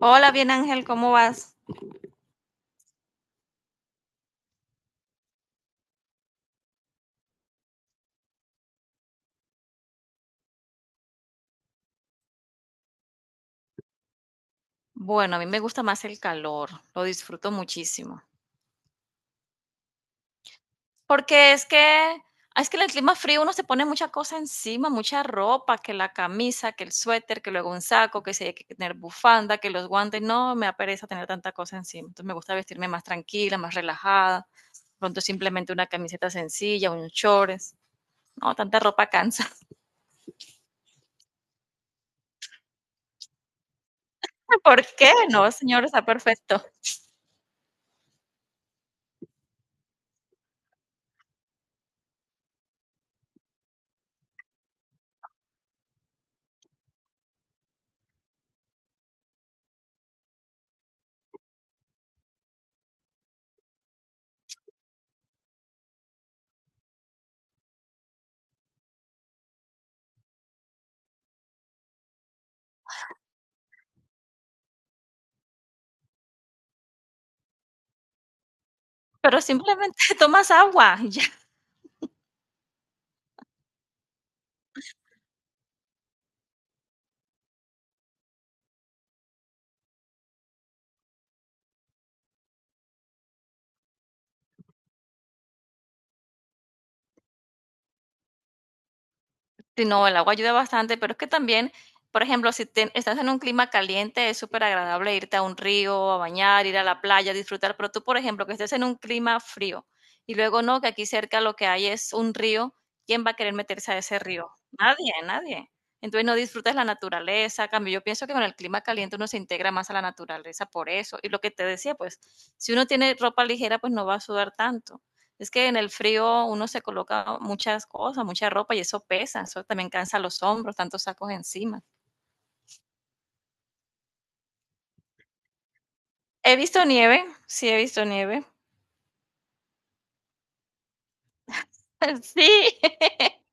Hola, bien Ángel, ¿cómo vas? Bueno, a mí me gusta más el calor, lo disfruto muchísimo. Porque es que, es que en el clima frío uno se pone mucha cosa encima, mucha ropa, que la camisa, que el suéter, que luego un saco, que si hay que tener bufanda, que los guantes, no, me da pereza tener tanta cosa encima. Entonces me gusta vestirme más tranquila, más relajada. Pronto simplemente una camiseta sencilla, unos shorts. No, tanta ropa cansa. ¿Por qué? No, señor, está perfecto. Pero simplemente tomas agua, ya. Sí, no, el agua ayuda bastante, pero es que también, por ejemplo, si te- estás en un clima caliente, es súper agradable irte a un río, a bañar, ir a la playa, disfrutar, pero tú, por ejemplo, que estés en un clima frío y luego no, que aquí cerca lo que hay es un río, ¿quién va a querer meterse a ese río? Nadie, nadie. Entonces no disfrutas la naturaleza, a cambio, yo pienso que con el clima caliente uno se integra más a la naturaleza por eso. Y lo que te decía, pues, si uno tiene ropa ligera, pues no va a sudar tanto. Es que en el frío uno se coloca muchas cosas, mucha ropa y eso pesa, eso también cansa los hombros, tantos sacos encima. He visto nieve, sí he visto nieve. Sí,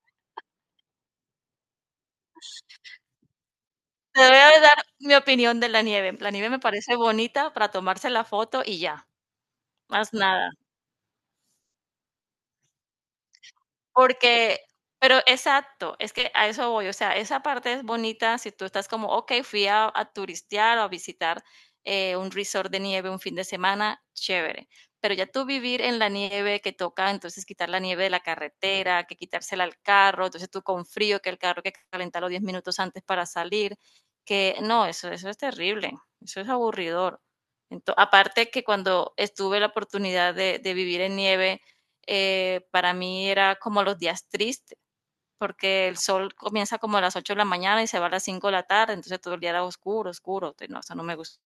te voy a dar mi opinión de la nieve. La nieve me parece bonita para tomarse la foto y ya, más nada. Porque pero exacto, es que a eso voy, o sea, esa parte es bonita si tú estás como, ok, fui a turistear o a visitar un resort de nieve un fin de semana, chévere. Pero ya tú vivir en la nieve que toca, entonces quitar la nieve de la carretera, que quitársela al carro, entonces tú con frío, que el carro hay que calentarlo 10 minutos antes para salir, que no, eso es terrible, eso es aburridor. Aparte que cuando estuve la oportunidad de vivir en nieve, para mí era como los días tristes, porque el sol comienza como a las 8 de la mañana y se va a las 5 de la tarde, entonces todo el día era oscuro, oscuro, entonces, no, eso no me gusta.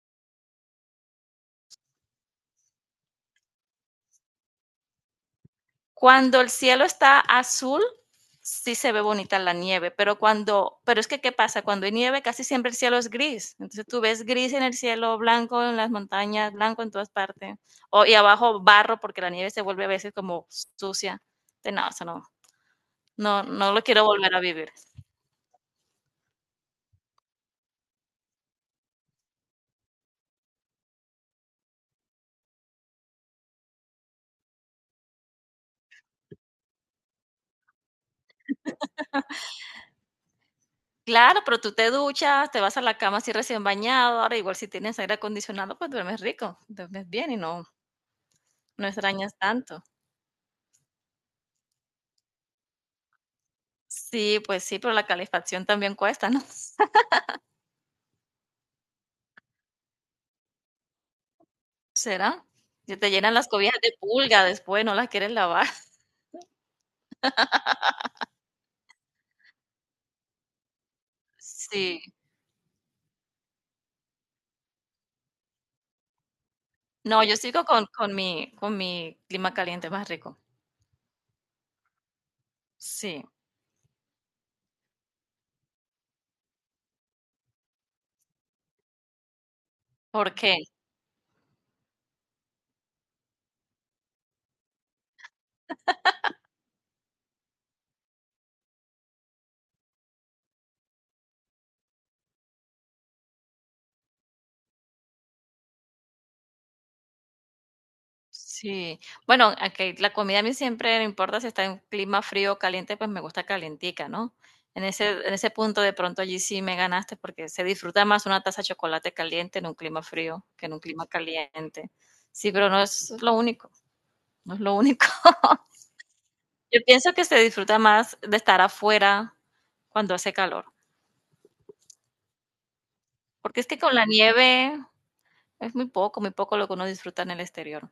Cuando el cielo está azul, sí se ve bonita la nieve, pero cuando, pero es que ¿qué pasa? Cuando hay nieve casi siempre el cielo es gris, entonces tú ves gris en el cielo, blanco en las montañas, blanco en todas partes, o, y abajo barro porque la nieve se vuelve a veces como sucia, entonces, no, eso no, no, no lo quiero volver a vivir. Claro, pero tú te duchas, te vas a la cama así recién bañado. Ahora, igual si tienes aire acondicionado, pues duermes rico, duermes bien y no, no extrañas tanto. Sí, pues sí, pero la calefacción también cuesta, ¿no? ¿Será? Se te llenan las cobijas de pulga después, no las quieres lavar. Sí. No, yo sigo con mi clima caliente más rico. Sí. ¿Por qué? Sí, bueno, aunque la comida a mí siempre no importa si está en clima frío o caliente, pues me gusta calientica, ¿no? En ese punto de pronto allí sí me ganaste porque se disfruta más una taza de chocolate caliente en un clima frío que en un clima caliente. Sí, pero no es lo único, no es lo único. Yo pienso que se disfruta más de estar afuera cuando hace calor, porque es que con la nieve es muy poco lo que uno disfruta en el exterior.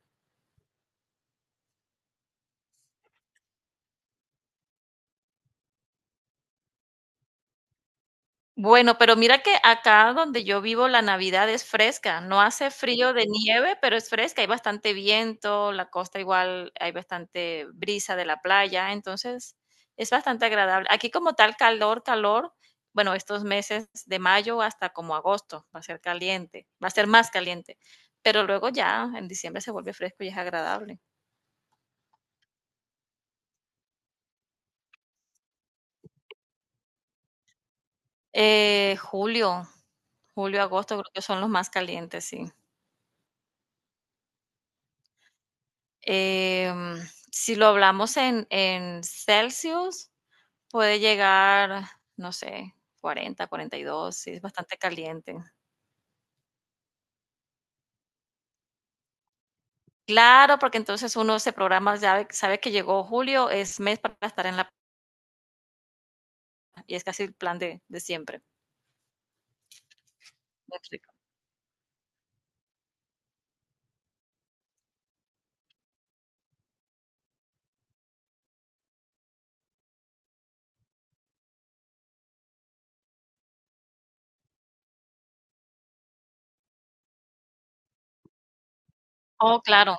Bueno, pero mira que acá donde yo vivo la Navidad es fresca, no hace frío de nieve, pero es fresca, hay bastante viento, la costa igual hay bastante brisa de la playa, entonces es bastante agradable. Aquí como tal calor, calor, bueno, estos meses de mayo hasta como agosto va a ser caliente, va a ser más caliente, pero luego ya en diciembre se vuelve fresco y es agradable. Eh, julio, julio, agosto creo que son los más calientes, sí. Em, si lo hablamos en, Celsius, puede llegar, no sé, 40, 42, sí, es bastante caliente. Claro, porque entonces uno se programa, sabe, sabe que llegó julio, es mes para estar en la playa, y es casi el plan de siempre. Muy rico. Oh, claro.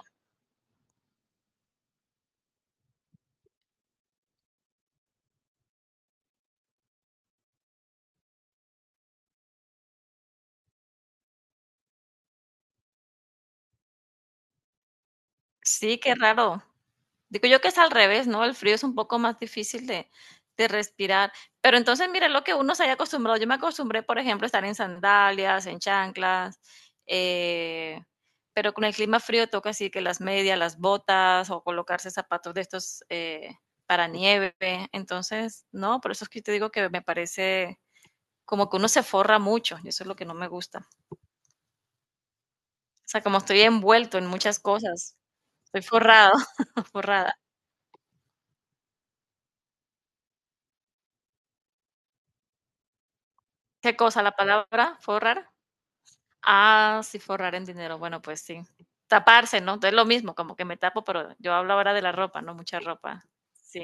Sí, qué raro. Digo yo que es al revés, ¿no? El frío es un poco más difícil de respirar. Pero entonces, mire lo que uno se haya acostumbrado. Yo me acostumbré, por ejemplo, a estar en sandalias, en chanclas, eh, pero con el clima frío toca así que las medias, las botas o colocarse zapatos de estos para nieve. Entonces, no, por eso es que te digo que me parece como que uno se forra mucho y eso es lo que no me gusta. O sea, como estoy envuelto en muchas cosas, estoy forrado, forrada. ¿Qué cosa? ¿La palabra forrar? Ah, sí, forrar en dinero. Bueno, pues sí. Taparse, ¿no? Es lo mismo, como que me tapo, pero yo hablo ahora de la ropa, ¿no? Mucha ropa. Sí.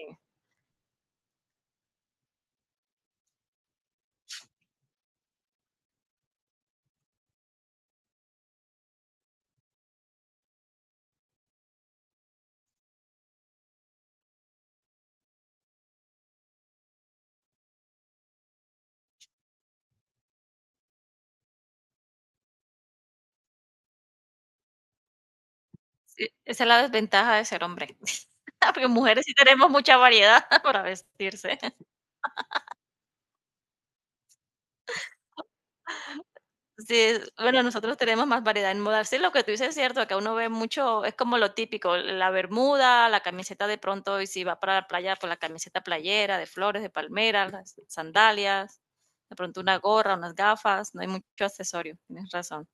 Sí, esa es la desventaja de ser hombre. Porque mujeres sí tenemos mucha variedad para vestirse. Bueno, nosotros tenemos más variedad en moda. Sí, lo que tú dices es cierto, que uno ve mucho, es como lo típico, la bermuda, la camiseta de pronto, y si va para la playa, pues la camiseta playera, de flores, de palmera, las sandalias, de pronto una gorra, unas gafas, no hay mucho accesorio, tienes razón.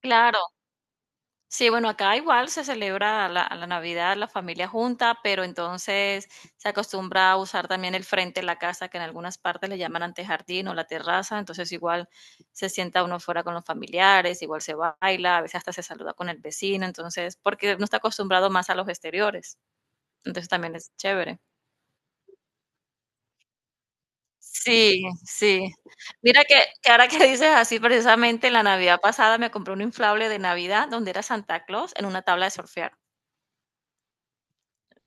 Claro. Sí, bueno, acá igual se celebra la Navidad, la familia junta, pero entonces se acostumbra a usar también el frente de la casa, que en algunas partes le llaman antejardín o la terraza, entonces igual se sienta uno fuera con los familiares, igual se baila, a veces hasta se saluda con el vecino, entonces, porque no está acostumbrado más a los exteriores, entonces también es chévere. Sí, sí. Mira que ahora que dices así, precisamente en la Navidad pasada me compré un inflable de Navidad donde era Santa Claus en una tabla de surfear.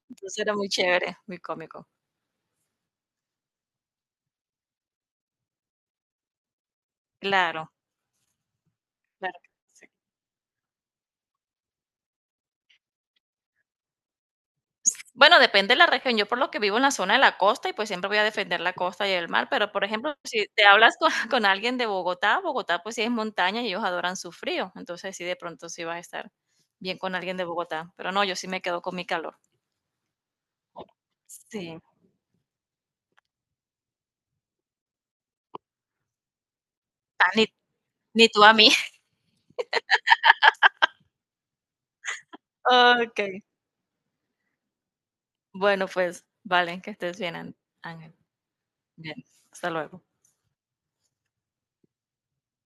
Entonces era muy chévere, muy cómico. Claro, claro que sí. Bueno, depende de la región. Yo por lo que vivo en la zona de la costa y pues siempre voy a defender la costa y el mar, pero por ejemplo, si te hablas con, con alguien de Bogotá, Bogotá pues sí es montaña y ellos adoran su frío, entonces sí de pronto sí vas a estar bien con alguien de Bogotá, pero no, yo sí me quedo con mi calor. Sí, Ah, ni tú a mí. Ok, bueno pues, vale, que estés bien, Ángel. Bien, hasta luego.